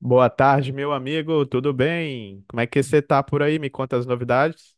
Boa tarde, meu amigo, tudo bem? Como é que você tá por aí? Me conta as novidades.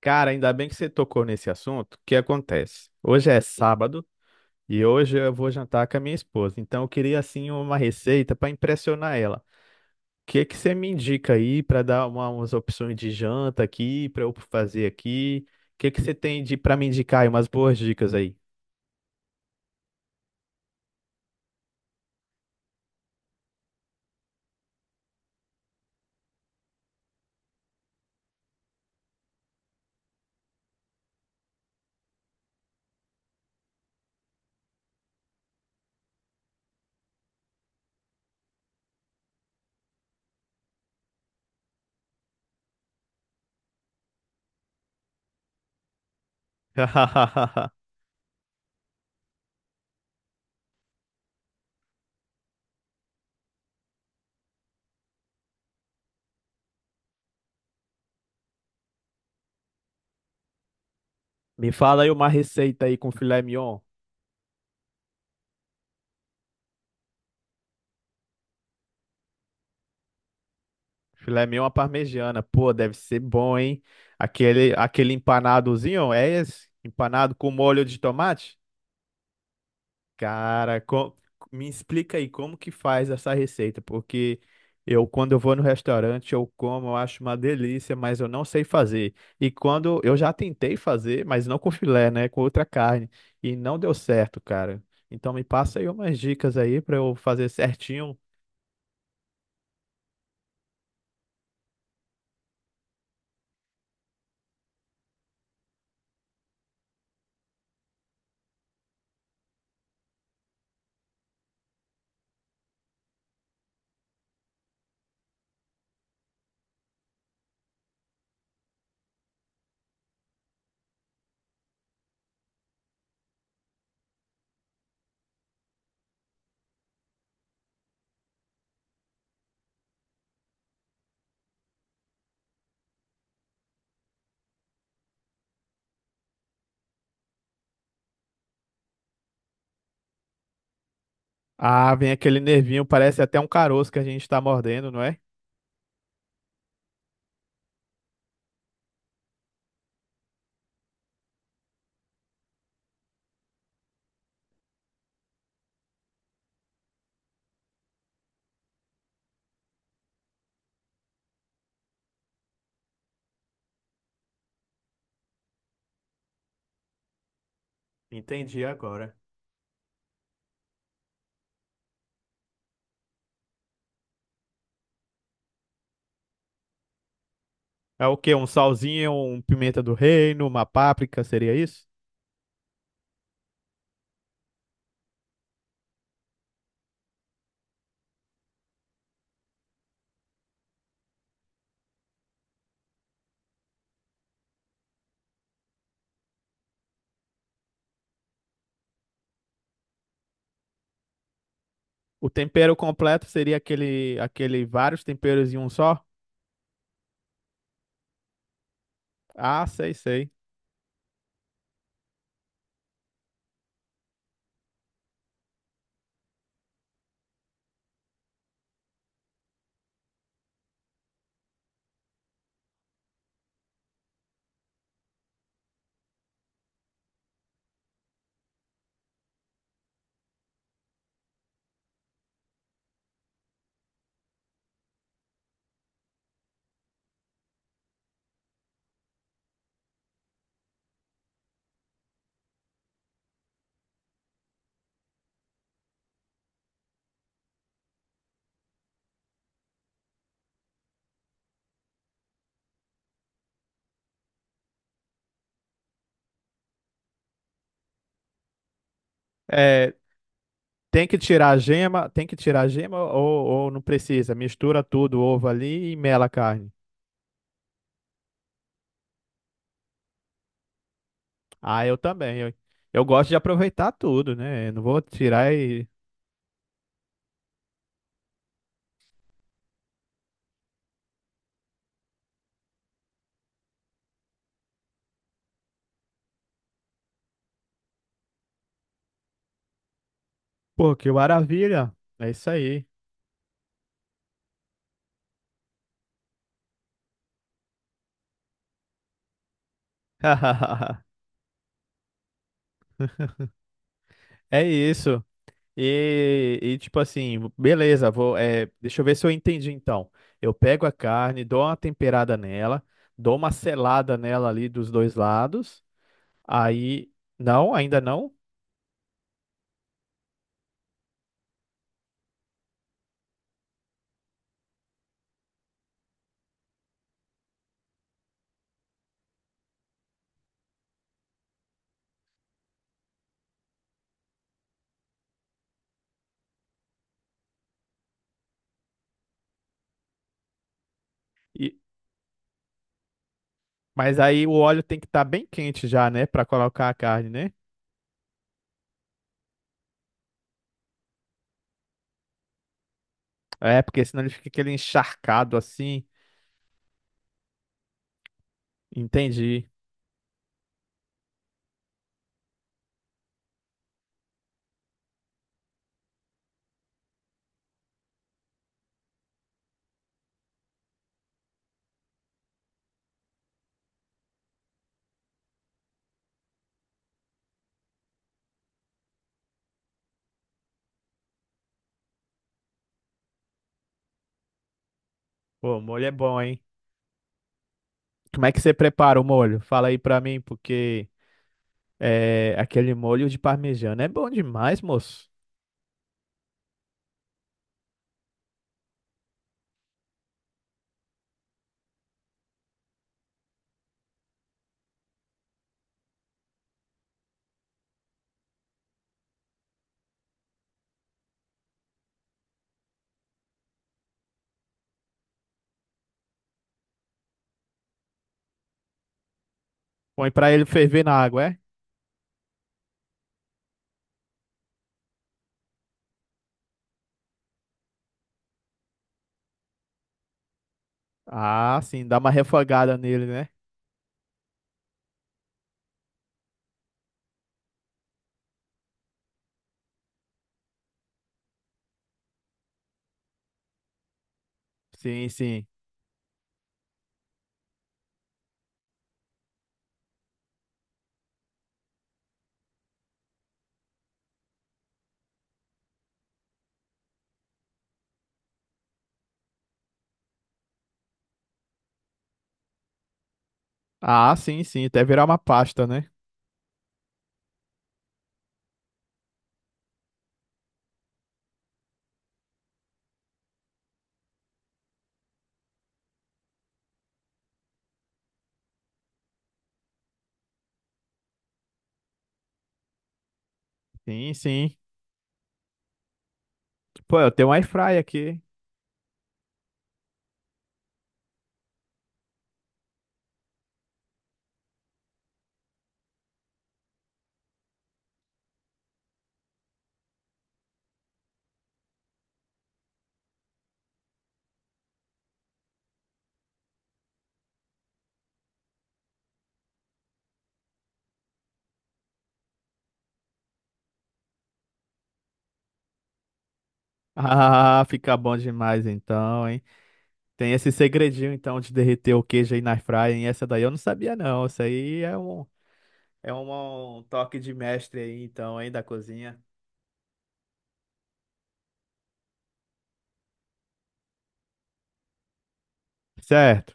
Cara, ainda bem que você tocou nesse assunto. O que acontece? Hoje é sábado e hoje eu vou jantar com a minha esposa. Então eu queria assim uma receita para impressionar ela. O que que você me indica aí para dar umas opções de janta aqui, para eu fazer aqui? O que que você tem de para me indicar aí umas boas dicas aí? Me fala aí uma receita aí com filé mignon. Filé mignon à parmegiana, pô, deve ser bom, hein? Aquele empanadozinho, é esse? Empanado com molho de tomate? Cara, me explica aí como que faz essa receita, porque eu, quando eu vou no restaurante, eu como, eu acho uma delícia, mas eu não sei fazer. E quando eu já tentei fazer, mas não com filé, né? Com outra carne, e não deu certo, cara. Então me passa aí umas dicas aí pra eu fazer certinho. Ah, vem aquele nervinho, parece até um caroço que a gente tá mordendo, não é? Entendi agora. É o quê? Um salzinho, um pimenta do reino, uma páprica, seria isso? O tempero completo seria aquele, aquele vários temperos em um só? Ah, sei, sei. É, tem que tirar a gema, tem que tirar a gema ou não precisa? Mistura tudo, o ovo ali e mela a carne. Ah, eu também. Eu gosto de aproveitar tudo, né? Eu não vou tirar e. Pô, que maravilha! É isso aí. É isso. Tipo assim, beleza, vou, é, deixa eu ver se eu entendi então. Eu pego a carne, dou uma temperada nela, dou uma selada nela ali dos dois lados. Aí, não, ainda não. E, mas aí o óleo tem que estar bem quente já, né, pra colocar a carne, né? É, porque senão ele fica aquele encharcado assim. Entendi. Pô, o molho é bom, hein? Como é que você prepara o molho? Fala aí pra mim, porque é, aquele molho de parmegiana é bom demais, moço. Põe pra ele ferver na água, é? Ah, sim, dá uma refogada nele, né? Sim, sim. Ah, sim, sim, até virar uma pasta, né? Sim, sim. Pô, eu tenho um air fry aqui. Ah, fica bom demais então, hein? Tem esse segredinho então de derreter o queijo aí na air fry, hein? Essa daí eu não sabia não. Isso aí é um é um toque de mestre aí então, hein, da cozinha. Certo.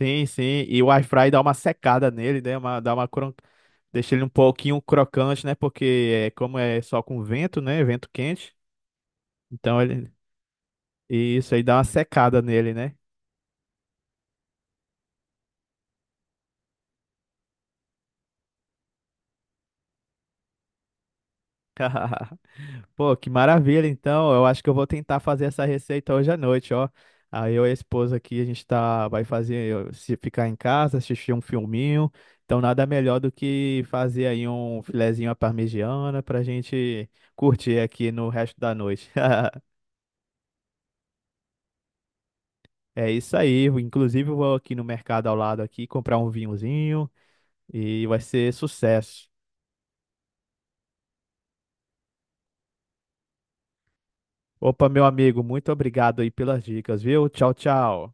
Sim, sim. E o air fry dá uma secada nele, né? Uma, dá uma cron... deixa ele um pouquinho crocante, né? Porque é como é só com vento, né? Vento quente. Então ele. E isso aí dá uma secada nele, né? Pô, que maravilha, então. Eu acho que eu vou tentar fazer essa receita hoje à noite, ó. Aí eu e a esposa aqui, a gente tá, vai fazer, se ficar em casa, assistir um filminho. Então nada melhor do que fazer aí um filezinho à parmegiana pra gente curtir aqui no resto da noite. É isso aí. Inclusive eu vou aqui no mercado ao lado aqui comprar um vinhozinho e vai ser sucesso. Opa, meu amigo, muito obrigado aí pelas dicas, viu? Tchau, tchau.